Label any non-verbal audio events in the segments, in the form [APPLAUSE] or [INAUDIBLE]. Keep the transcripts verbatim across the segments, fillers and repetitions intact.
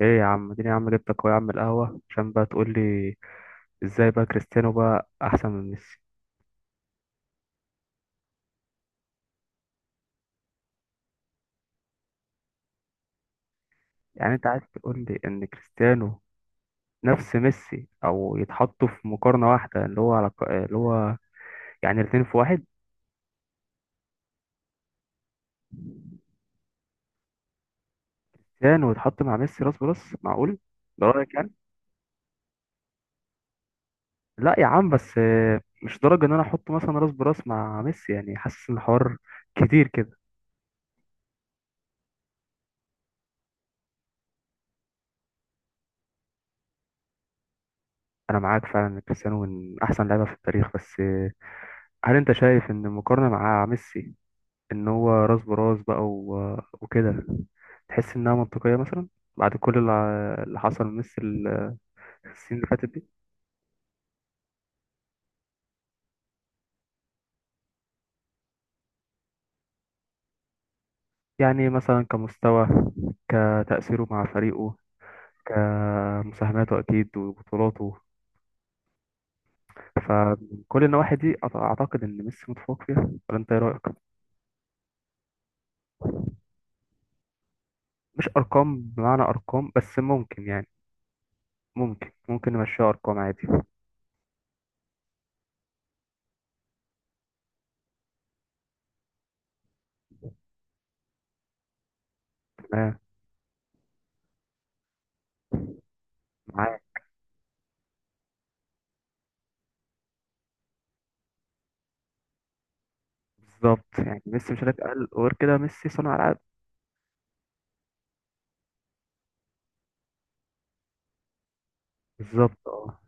ايه يا عم، اديني يا عم، جبتك اهو يا عم القهوة عشان بقى تقول لي ازاي بقى كريستيانو بقى احسن من ميسي. يعني انت عايز تقول لي ان كريستيانو نفس ميسي او يتحطوا في مقارنة واحدة، اللي هو على ق- اللي هو يعني الاتنين في واحد؟ كريستيانو يتحط مع ميسي راس براس، معقول؟ ده رأيك يعني؟ لا يا عم، بس آه، مش درجة ان انا احطه مثلا راس براس مع ميسي، يعني حاسس ان الحوار كتير كده. انا معاك فعلا ان كريستيانو من احسن لعيبة في التاريخ، بس آه، هل انت شايف ان المقارنة مع ميسي ان هو راس براس بقى و... وكده، تحس انها منطقية مثلا بعد كل اللي ع- اللي حصل من ميسي ال- السنين اللي فاتت دي؟ يعني مثلا كمستوى، كتأثيره مع فريقه، كمساهماته أكيد وبطولاته. فكل النواحي دي أط- أعتقد إن ميسي متفوق فيها، ولا أنت إيه رأيك؟ مش أرقام بمعنى أرقام، بس ممكن يعني ممكن ممكن نمشيها أرقام عادي. تمام. معاك. بالظبط، يعني ميسي مش هيبقى أقل. وغير كده ميسي صانع ألعاب. بالظبط، اه.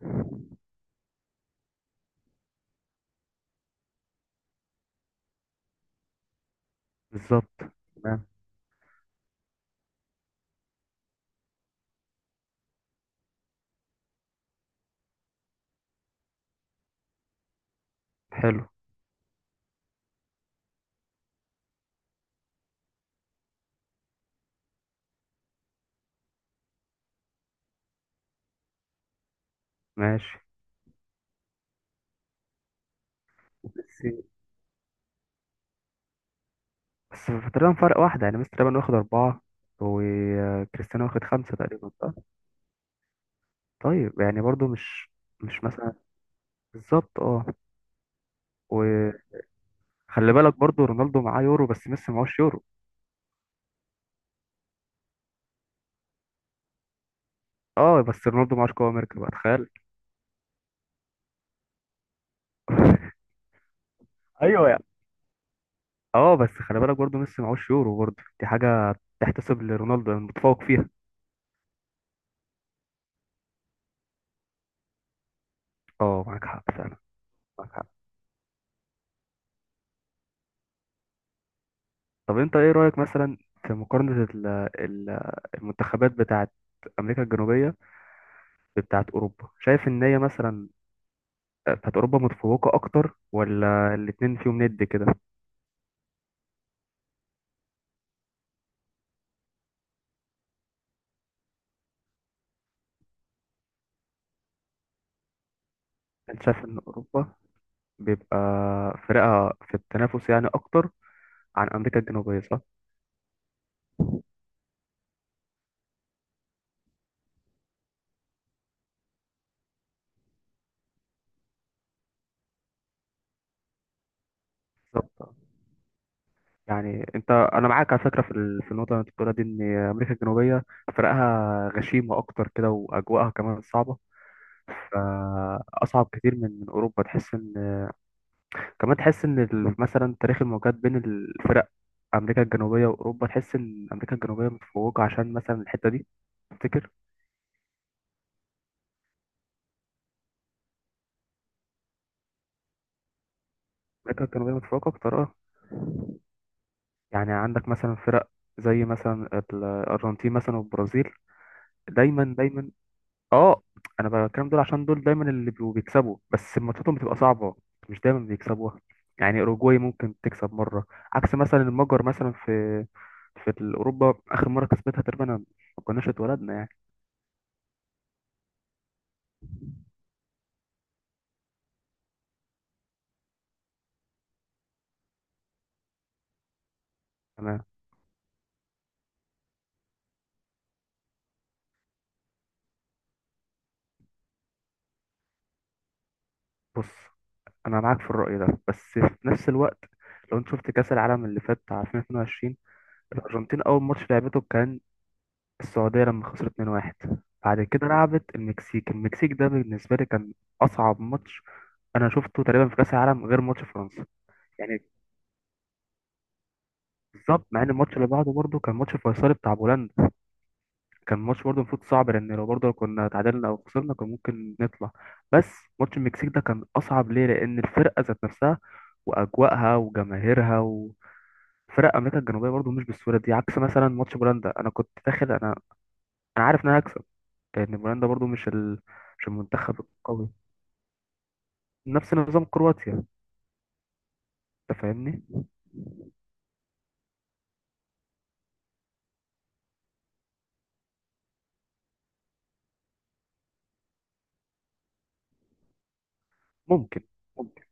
بالظبط. تمام. حلو. ماشي. بس بس في تقريبا فرق واحدة، يعني ميسي تقريبا واخد أربعة وكريستيانو واخد خمسة تقريبا، صح؟ طيب يعني برضو مش، مش مثلا، بالظبط اه. وخلي بالك برضو رونالدو معاه يورو بس ميسي معهوش يورو. اه بس رونالدو معهوش كوبا أمريكا بقى، تخيل. [LAUGHS] ايوه يعني. اه بس خلي بالك برضو ميسي معهوش يورو، برضو دي حاجة تحتسب لرونالدو المتفوق فيها. اه معاك حق فعلا. معاك حق. طب انت ايه رأيك مثلا في مقارنة ال- ال- المنتخبات بتاعت امريكا الجنوبية بتاعت اوروبا؟ شايف ان هي مثلا بتاعت اوروبا متفوقة اكتر، ولا الاتنين فيهم ند كده؟ انت شايف ان اوروبا بيبقى فرقها في التنافس يعني اكتر عن امريكا الجنوبية، صح؟ بالظبط. يعني انت انا معاك على فكرة في ال- في النقطة اللي انت بتقولها دي، ان امريكا الجنوبية فرقها غشيمة اكتر كده واجواءها كمان صعبة، فاصعب كتير من من اوروبا. تحس ان، كمان تحس ان ال- مثلا تاريخ المواجهات بين الفرق، امريكا الجنوبيه واوروبا، تحس ان امريكا الجنوبيه متفوقه عشان مثلا الحته دي، تفتكر؟ امريكا الجنوبيه متفوقه بطريقه، يعني عندك مثلا فرق زي مثلا ال- الارجنتين مثلا والبرازيل، دايما دايما، اه. انا بتكلم دول عشان دول دايما اللي بيبقوا بيكسبوا، بس ماتشاتهم بتبقى صعبه، مش دايما بيكسبوها. يعني اوروجواي ممكن تكسب مره، عكس مثلا المجر مثلا في في اوروبا، اخر مره كسبتها تقريبا ما كناش اتولدنا يعني. تمام. بص، انا معاك في الرأي ده بس في نفس الوقت، لو انت شفت كأس العالم اللي فات بتاع ألفين واثنين وعشرين، الارجنتين اول ماتش لعبته كان السعودية، لما خسرت اثنين واحد. بعد كده لعبت المكسيك. المكسيك ده بالنسبة لي كان اصعب ماتش انا شفته تقريبا في كأس العالم غير ماتش فرنسا يعني. بالظبط، مع ان الماتش اللي بعده برضه كان ماتش فيصلي بتاع بولندا، كان ماتش برضه المفروض صعب لان لو برضه كنا اتعادلنا او خسرنا كان ممكن نطلع. بس ماتش المكسيك ده كان اصعب ليه؟ لان الفرقة ذات نفسها واجواءها وجماهيرها، فرق امريكا الجنوبيه برضو مش بالسهوله دي. عكس مثلا ماتش بولندا، انا كنت داخل انا انا عارف ان انا هكسب، لان بولندا برضو مش ال... مش المنتخب القوي، نفس نظام كرواتيا، انت فاهمني. ممكن ممكن.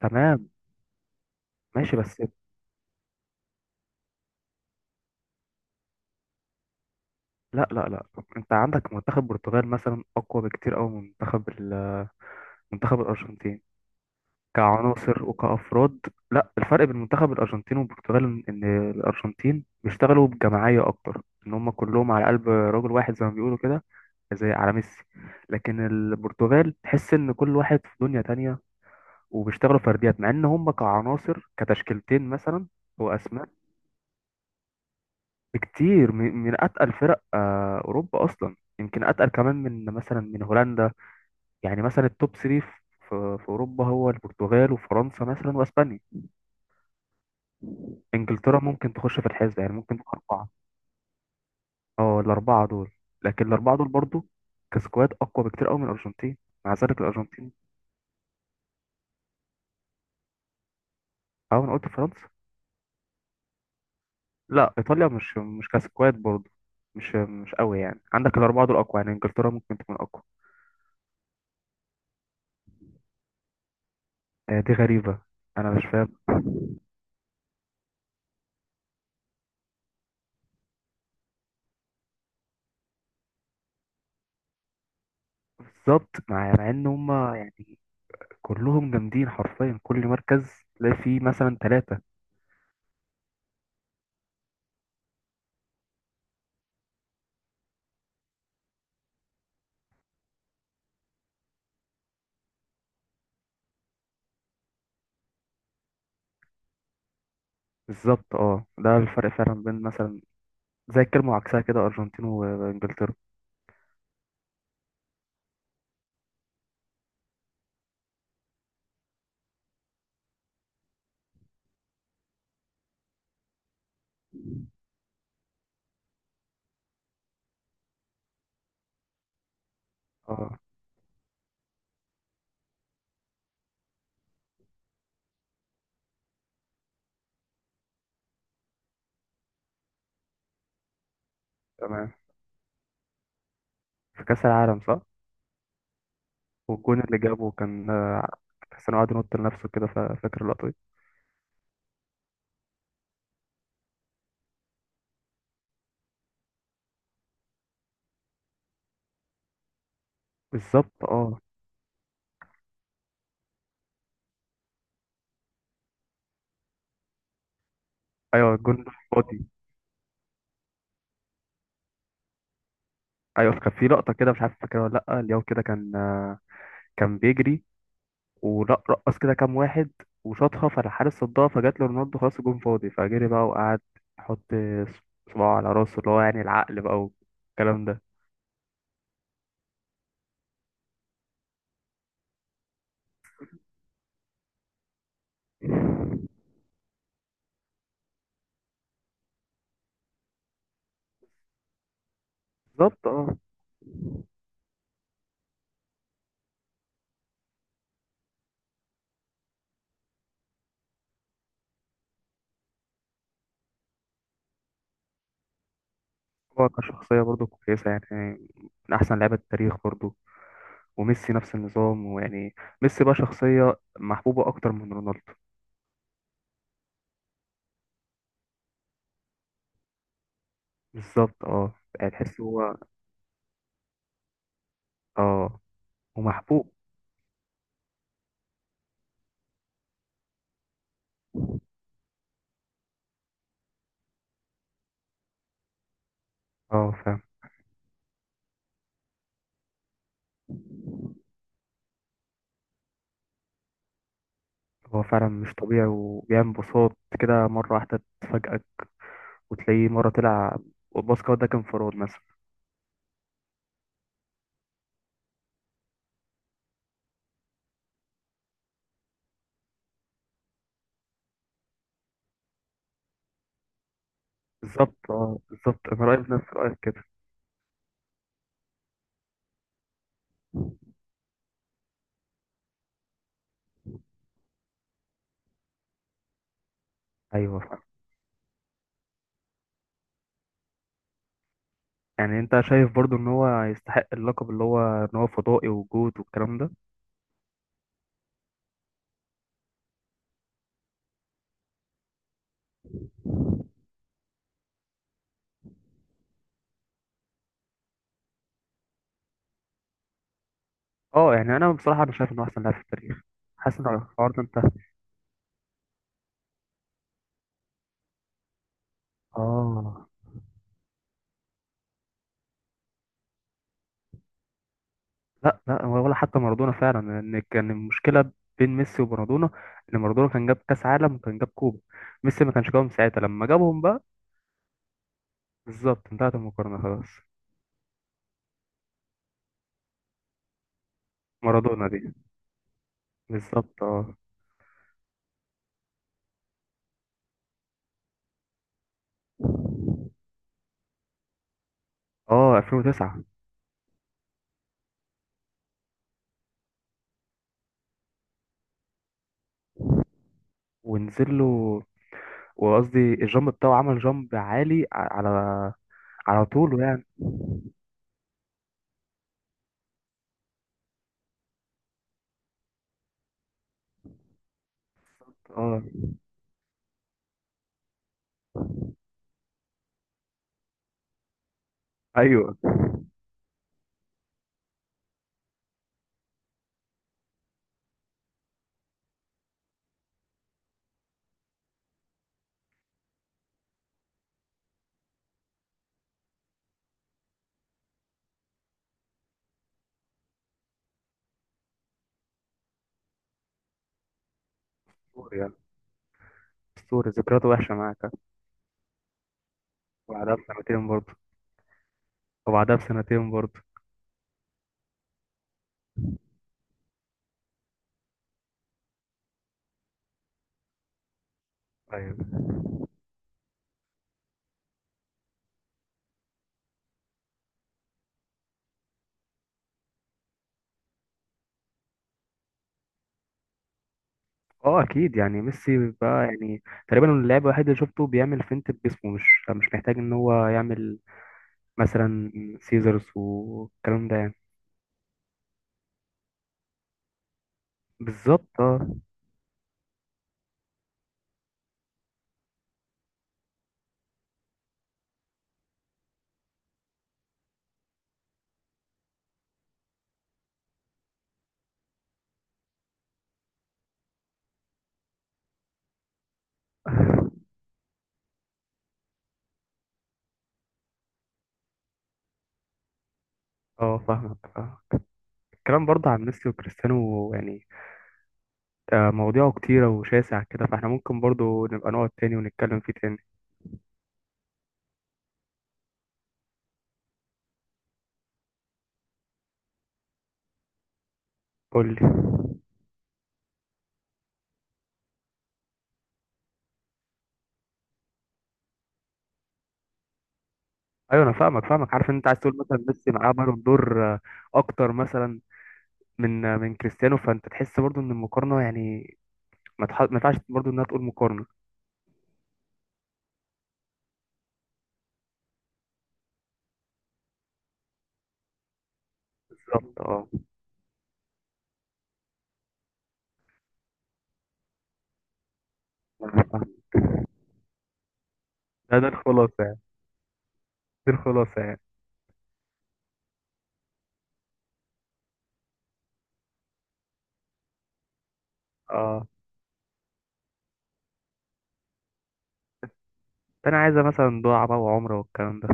تمام. ماشي بس. لا لا لا، انت عندك منتخب البرتغال مثلا اقوى بكتير قوي من منتخب ال... منتخب الارجنتين كعناصر وكأفراد. لا، الفرق بين منتخب الأرجنتين والبرتغال إن إن الأرجنتين بيشتغلوا بجماعية أكتر، إن هم كلهم على قلب رجل واحد زي ما بيقولوا كده، زي على ميسي. لكن البرتغال تحس إن كل واحد في دنيا تانية، وبيشتغلوا فرديات، مع إن هم كعناصر كتشكيلتين مثلا وأسماء بكتير من من أتقل فرق آه، أوروبا، أصلا يمكن أتقل كمان من مثلا من هولندا. يعني مثلا التوب ثلاثة في في أوروبا هو البرتغال وفرنسا مثلا وأسبانيا. انجلترا ممكن تخش في الحسبة، يعني ممكن تبقى أربعة. اه الأربعة دول. لكن الأربعة دول برضو كسكواد أقوى بكتير أوي من الأرجنتين، مع ذلك الأرجنتين. أه أنا قلت فرنسا. لا إيطاليا مش مش كسكواد برضو، مش مش قوي. يعني عندك الأربعة دول أقوى، يعني إنجلترا ممكن تكون أقوى. آه، دي غريبة. أنا مش فاهم. بالظبط، مع مع إن هما يعني كلهم جامدين حرفيا. كل مركز تلاقي فيه مثلا ثلاثة. بالظبط، اه. ده الفرق فعلا بين مثلا زي الكلمة وعكسها كده، أرجنتين وإنجلترا. اه. تمام. في كأس العالم صح؟ والجون اللي جابه كان آه، كريستيانو قعد ينط لنفسه كده، فا- فاكر اللقطة دي؟ بالظبط، اه. ايوه الجون ده فاضي. ايوه، كان في لقطة كده مش عارف فاكرها ولا لأ، اليوم كده كان آه، كان بيجري ورقص كده كام واحد وشاطها، فالحارس صدها، فجات له رونالدو خلاص الجون فاضي، فجري بقى وقعد يحط صباعه على راسه اللي هو يعني العقل بقى والكلام ده. بالظبط، اه. هو كشخصية برضه كويسة يعني، من أحسن لعيبة التاريخ برضه. وميسي نفس النظام ويعني، ميسي بقى شخصية محبوبة أكتر من رونالدو. بالظبط، اه. يعني تحس هو، اه، ومحبوب. اه فاهم. هو فعلا مش طبيعي، وبيعمل بساط كده مرة واحدة تفاجئك وتلاقيه مرة طلع. والباسكت ده كان انفراد مثلا. بالظبط اه. بالظبط، أنا رأيي بنفس رأيك كده. أيوه فاهم. يعني أنت شايف برضو إن هو يستحق اللقب اللي هو إن هو فضائي وجود والكلام ده؟ اه يعني أنا بصراحة أنا شايف إنه أحسن لاعب في التاريخ. حاسس إن الحوار ده انتهى. اه. لا لا، ولا حتى مارادونا فعلا، لان كان المشكله بين ميسي ومارادونا ان مارادونا كان جاب كاس عالم وكان جاب كوبا، ميسي ما كانش جابهم ساعتها. لما جابهم بقى، بالظبط، انتهت المقارنه خلاص. مارادونا دي، بالظبط اه. اه ألفين وتسعة. ونزل له، وقصدي الجامب بتاعه عمل جامب عالي ع- على على طوله يعني. اه. ايوه. اسطوري يعني، اسطوري. ذكرياته وحشه معاك. وبعدها بسنتين برضه. وبعدها بسنتين برضه. ايوه. اه اكيد، يعني ميسي بقى يعني تقريبا اللاعب الوحيد اللي شفته بيعمل فينت بجسمه، مش مش محتاج ان هو يعمل مثلا سيزرز والكلام ده يعني. بالظبط اه. [LAUGHS] اه فاهمك فاهمك. الكلام برضه عن ميسي وكريستيانو يعني آه، مواضيعه كتيرة وشاسع كده، فاحنا ممكن برضه نبقى نقعد تاني ونتكلم فيه تاني. قول لي. ايوه انا فاهمك فاهمك، عارف إن انت عايز تقول مثلا ميسي معاه بالون دور آه، اكتر مثلا من آه، من كريستيانو، فانت تحس برضه ان المقارنة يعني ما تح- ما ينفعش برضه انها تقول مقارنة. بالظبط، اه. أنا فاهم. ده ده الخلاصة يعني. دي الخلاصة يعني. اه. ده انا عايزة مثلا دعاء بقى وعمرة والكلام ده.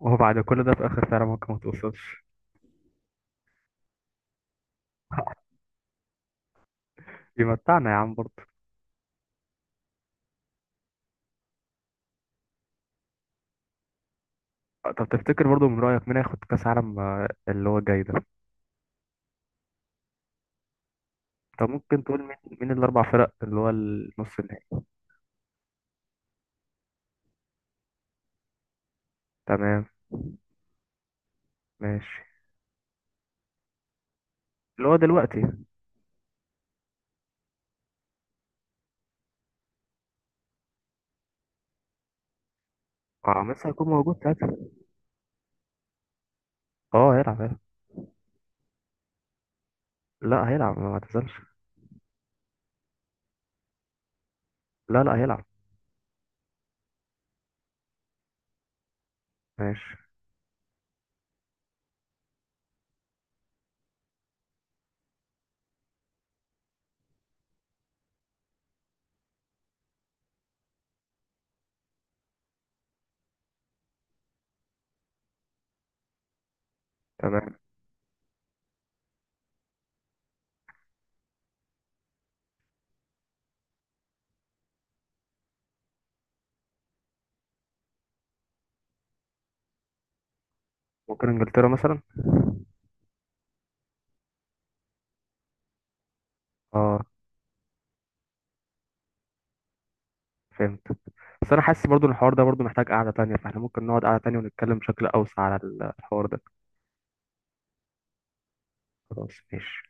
وهو بعد كل ده في الاخر فعلا ممكن ما توصلش. [LAUGHS] يمتعنا يا عم برضه. طب تفتكر برضه من رأيك مين هياخد كأس عالم آه، اللي هو جاي ده؟ طب ممكن تقول مين مين الأربع فرق اللي هو النص النهائي؟ تمام. ماشي. اللي هو دلوقتي. اه ميسي هيكون موجود ساعتها. اه هيلعب هيلعب. لا هيلعب ما اعتزلش. لا لا هيلعب. ماشي. تمام. ممكن انجلترا مثلا. اه فهمت. بس انا حاسس برضو إن الحوار ده برضو محتاج قعدة تانية، فاحنا ممكن نقعد قعدة تانية ونتكلم بشكل اوسع على الحوار ده. خلاص ماشي.